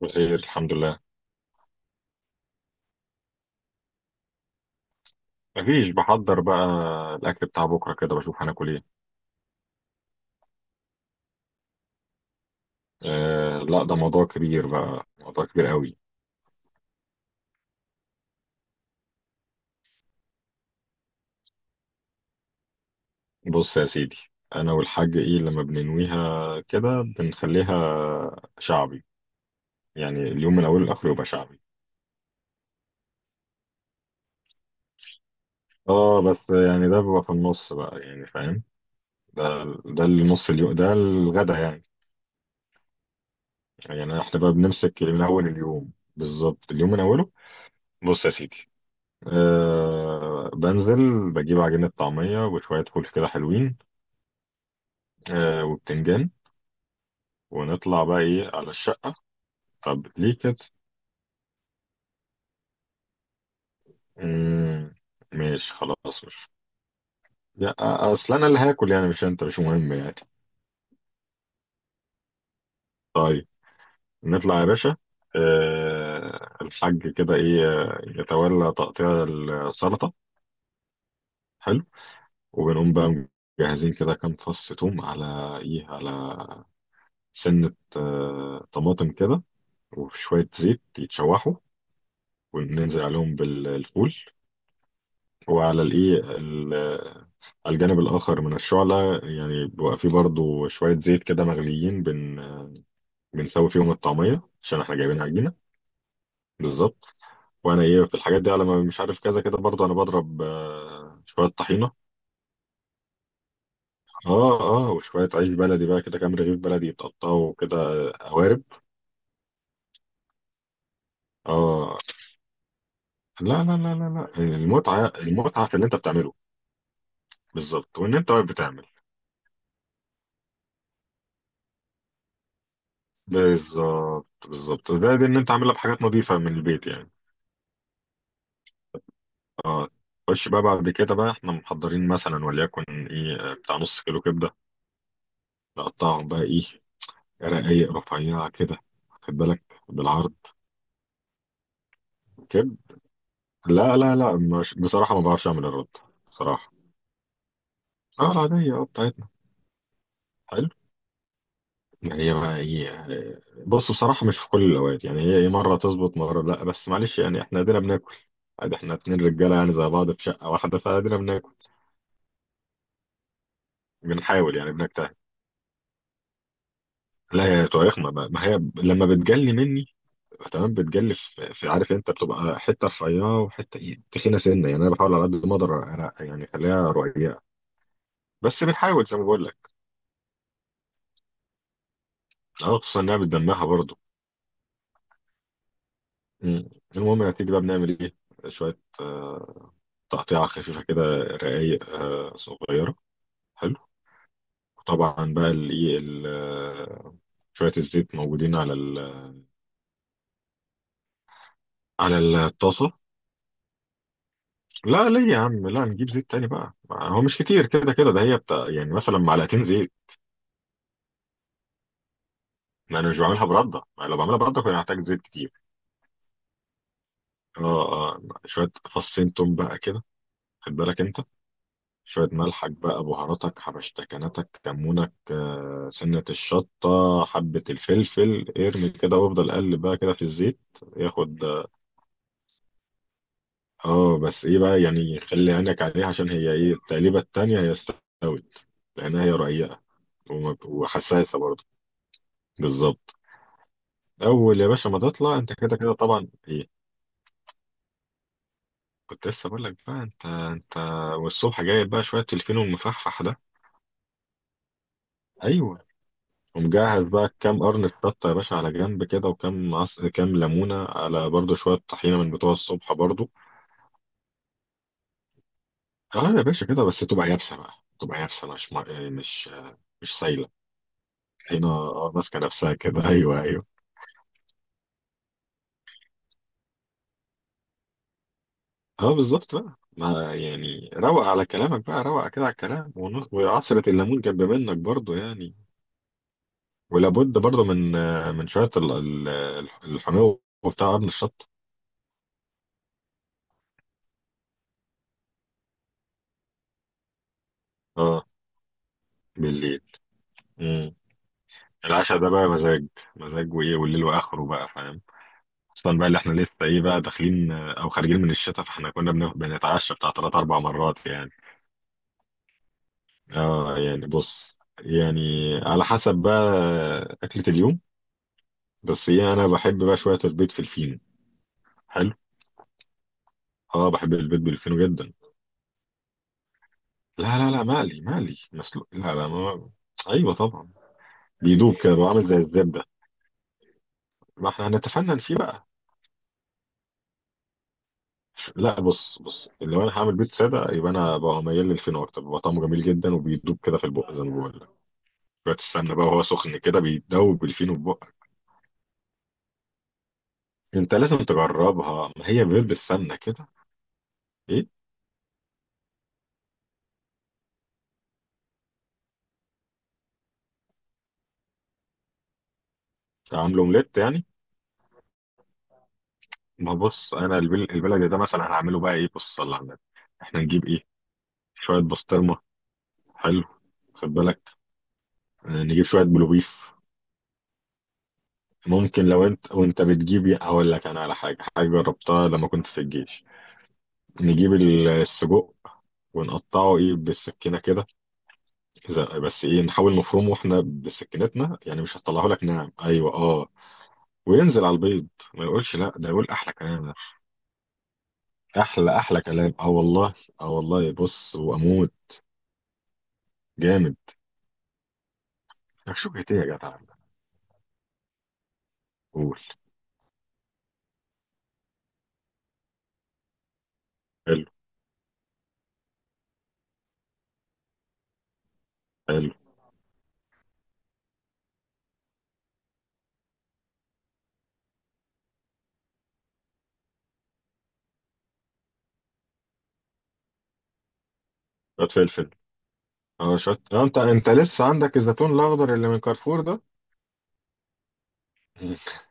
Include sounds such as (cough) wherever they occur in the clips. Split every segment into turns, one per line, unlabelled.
بخير، الحمد لله. مفيش، بحضر بقى الاكل بتاع بكره كده، بشوف هناكل ايه. آه لا، ده موضوع كبير بقى، موضوع كبير قوي. بص يا سيدي، انا والحاج ايه لما بننويها كده بنخليها شعبي. يعني اليوم من اوله لاخره يبقى شعبي. اه بس يعني ده بيبقى في النص بقى، يعني فاهم. ده ده النص اليوم، ده الغدا يعني. يعني احنا بقى بنمسك من اول اليوم بالظبط، اليوم من اوله. بص يا سيدي، أه بنزل بجيب عجينة طعمية وشوية فول كده حلوين. أه وبتنجان، ونطلع بقى إيه على الشقة. طب ليه كده؟ مم، ماشي خلاص مش. لا. أصل أنا اللي هاكل، يعني مش أنت، مش مهم يعني. طيب، نطلع يا باشا. أه الحاج كده إيه يتولى تقطيع السلطة. حلو، وبنقوم بقى. مجهزين كده كام فص توم، على إيه، على سنة طماطم كده، وشوية زيت يتشوحوا وننزل عليهم بالفول. وعلى الايه ال- على الجانب الاخر من الشعله، يعني بيبقى فيه برضو شويه زيت كده مغليين بن، بنسوي فيهم الطعميه عشان احنا جايبين عجينه. بالظبط. وانا ايه في الحاجات دي، على ما مش عارف كذا كده، برضو انا بضرب شويه طحينه. اه، اه وشويه عيش بلدي بقى كده، كام رغيف بلدي يتقطعوا كده قوارب. اه، لا لا لا لا لا، المتعه المتعه في اللي انت بتعمله. بالظبط، وان انت واقف بتعمل. بالظبط بالظبط، زائد ان انت عاملها بحاجات نظيفه من البيت يعني. اه، خش بقى بعد كده بقى، احنا محضرين مثلا وليكن ايه بتاع نص كيلو كبده، نقطعهم بقى ايه، رقايق رفيعه كده. خد بالك، بالعرض كده. لا لا لا، مش بصراحه، ما بعرفش اعمل الرد. بصراحه اه، العاديه اه بتاعتنا. حلو، هي بقى ايه، بص بصراحه مش في كل الاوقات يعني، هي ايه، مره تظبط مره لا، بس معلش يعني احنا ادينا بناكل عادي. احنا اتنين رجاله يعني زي بعض في شقه واحده، فادينا بناكل. بنحاول يعني، بنجتهد. لا، هي طريق ما هي، لما بتجلي مني. تمام، بتجلي في عارف انت، بتبقى حته رفيعه وحته ايه تخينه سنه، يعني انا بحاول على قد ما اقدر أنا، يعني اخليها رقيقه. بس بنحاول زي ما بقول لك. اه، خصوصا انها بتدمها برضه. مم. المهم، نتيجه بقى بنعمل ايه؟ شويه تقطيعه خفيفه كده، رقايق صغيره. حلو. طبعا بقى الايه ال- آه، شويه الزيت موجودين على ال-، على الطاسه. لا ليه يا عم، لا نجيب زيت تاني بقى، ما هو مش كتير كده، كده ده هي بتاع يعني مثلا معلقتين زيت. ما انا مش بعملها برده، ما لو بعملها برده كنا هحتاج زيت كتير. اه اه، شويه فصين توم بقى كده، خد بالك انت. شويه ملحك بقى، بهاراتك، حبشتكناتك، كمونك، سنه الشطه، حبه الفلفل، ارمي كده وافضل قلب بقى كده في الزيت ياخد. اه بس ايه بقى يعني، خلي عينك عليها عشان هي ايه، التقليبه التانيه هي استوت، لانها هي رقيقه وحساسه برضه. بالظبط. اول يا باشا ما تطلع انت كده كده طبعا ايه، كنت لسه بقول لك بقى انت. والصبح جايب بقى شويه تلفين ومفحفح ده. ايوه. ومجهز بقى كام قرن شطه يا باشا على جنب كده، كام ليمونه، على برضو شويه طحينه من بتوع الصبح برضو. اه يا باشا كده، بس تبقى يابسه بقى، تبقى يابسه مش مع- يعني مش سايله. هنا اه ماسكه نفسها كده (laughs) ايوه ايوه. اه بالظبط بقى، ما يعني روق على كلامك بقى، روق كده على الكلام وعصرة الليمون جنب منك برضو يعني. ولا بد برضه من من شويه الحموضه وبتاع ابن الشط. اه. بالليل. مم. العشاء ده بقى مزاج، مزاج وايه، والليل واخره بقى فاهم. خصوصا بقى اللي احنا لسه ايه بقى داخلين او خارجين من الشتاء، فاحنا كنا بنتعشى بتاع ثلاث اربع مرات يعني. اه يعني بص يعني، على حسب بقى اكلة اليوم. بس ايه، انا بحب بقى شويه البيض في الفينو. حلو، اه بحب البيض بالفينو جدا. لا لا لا، مقلي مقلي، مسلوق لا لا ما. ايوه طبعا. بيدوب كده بقى، عامل زي الزبدة. ما احنا هنتفنن فيه بقى. لا، بص بص، لو انا هعمل بيض ساده يبقى انا بقى ميال للفين اكتر، بيبقى طعمه جميل جدا وبيدوب كده في البق زي ما بقول لك. شويه السمنه بقى وهو سخن كده، بيدوب الفينو في بقك. انت لازم تجربها، ما هي بيض بالسمنه كده. ايه. عامل اومليت يعني. ما بص، انا البلد ده مثلا هعمله بقى ايه، بص صلى على النبي. احنا نجيب ايه؟ شويه بسطرمه. حلو. خد بالك، اه، نجيب شويه بلوبيف. ممكن لو انت وانت بتجيب، هقول لك انا على حاجه، حاجه جربتها لما كنت في الجيش. نجيب السجق، ونقطعه ايه بالسكينه كده. بس ايه، نحاول نفرمه احنا بسكينتنا، يعني مش هطلعه لك ناعم، ايوه اه. وينزل على البيض. ما يقولش لا، ده يقول احلى كلام ده. احلى احلى كلام، اه والله. اه والله بص واموت. جامد. شكشوكة ايه يا جدع؟ قول. حلو. حلو. شويه فلفل. اه شويه انت لسه عندك الزيتون الاخضر اللي من كارفور ده. (laughs)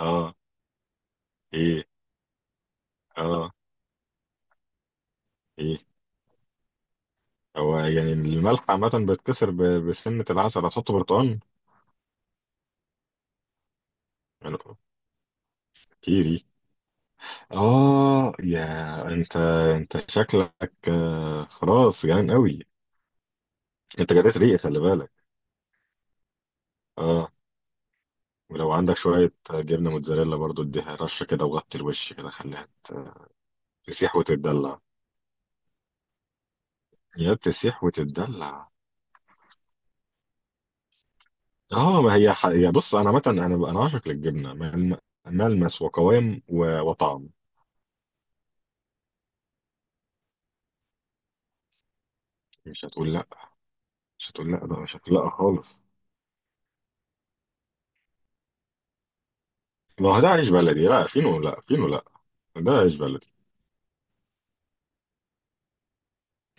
اه. ايه. اه. ايه. هو يعني الملح عامة بتكسر بسنة العسل، هتحط برتقال. انا. كتيري. اه يا. انت. انت شكلك خلاص جعان قوي. انت جريت ريقي، خلي بالك. اه. ولو عندك شوية جبنة موتزاريلا برضو، اديها رشة كده وغطي الوش كده، خليها تسيح وتتدلع. يا بتسيح وتتدلع. اه، ما هي يا بص، انا عامة، انا عاشق للجبنة ملمس وقوام وطعم. مش هتقول لا. مش هتقول لا، ده مش هتقول لا خالص. ما هو ده عيش بلدي، لا فينه لا فينه لا. ده عيش بلدي.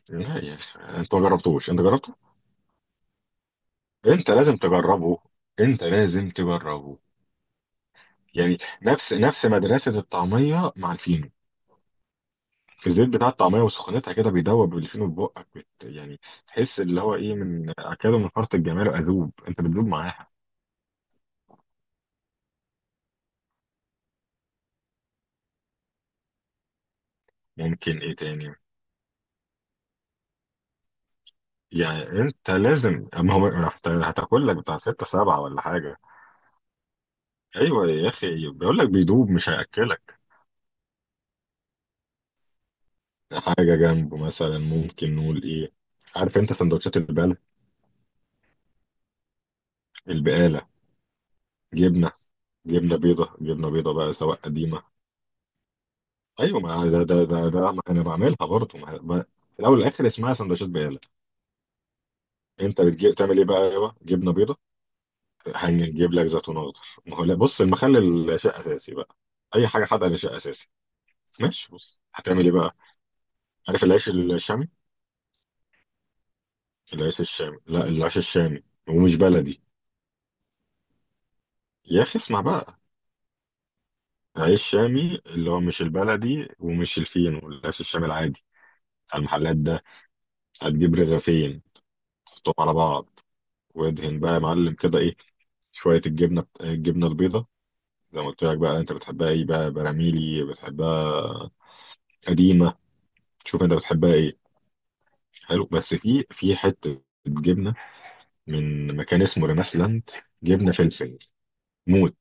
لا يا أخي، انت ما جربتوش، انت جربت؟ انت لازم تجربه. انت لازم تجربه. يعني نفس نفس مدرسة الطعمية مع الفينو، في الزيت بتاع الطعمية وسخونتها كده، بيدوب الفينو في بقك يعني، تحس اللي هو ايه من اكله، من فرط الجمال اذوب، انت بتذوب معاها. ممكن ايه تاني؟ يعني انت لازم، اما هو هتاكل لك بتاع ستة سبعة ولا حاجة. ايوه يا اخي، بيقول لك بيدوب، مش هياكلك. حاجة جنبه مثلا ممكن نقول ايه؟ عارف انت سندوتشات البقال. البقال، جبنه، جبنه بيضه جبنه بيضه بقى، سواء قديمه. ايوه، ما ده ده ما انا بعملها برضه في الاول والاخر اسمها سندوتشات بقاله. انت بتجيب تعمل ايه بقى يابا، جبنه بيضه. هنجيب لك زيتون اخضر. ما هو لا بص، المخلل شيء اساسي بقى. اي حاجه حادقه ده شيء اساسي. ماشي بص، هتعمل ايه بقى؟ عارف العيش الشامي. العيش الشامي لا، العيش الشامي، ومش بلدي. يا اخي اسمع بقى. عيش شامي اللي هو مش البلدي ومش الفينو، العيش الشامي العادي بتاع المحلات ده. هتجيب رغيفين، تحطهم على بعض، وادهن بقى يا معلم كده ايه، شويه الجبنه البيضه، زي ما قلت لك بقى، انت بتحبها ايه بقى، براميلي، بتحبها قديمه، شوف انت بتحبها ايه. حلو، بس في حته جبنه من مكان اسمه ريناسلاند، جبنه فلفل موت.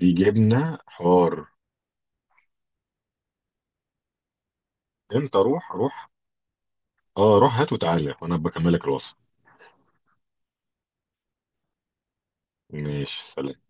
دي جبنه حار. انت روح روح. اه روح هات وتعالى وانا بكملك الوصف. ماشي، سلام.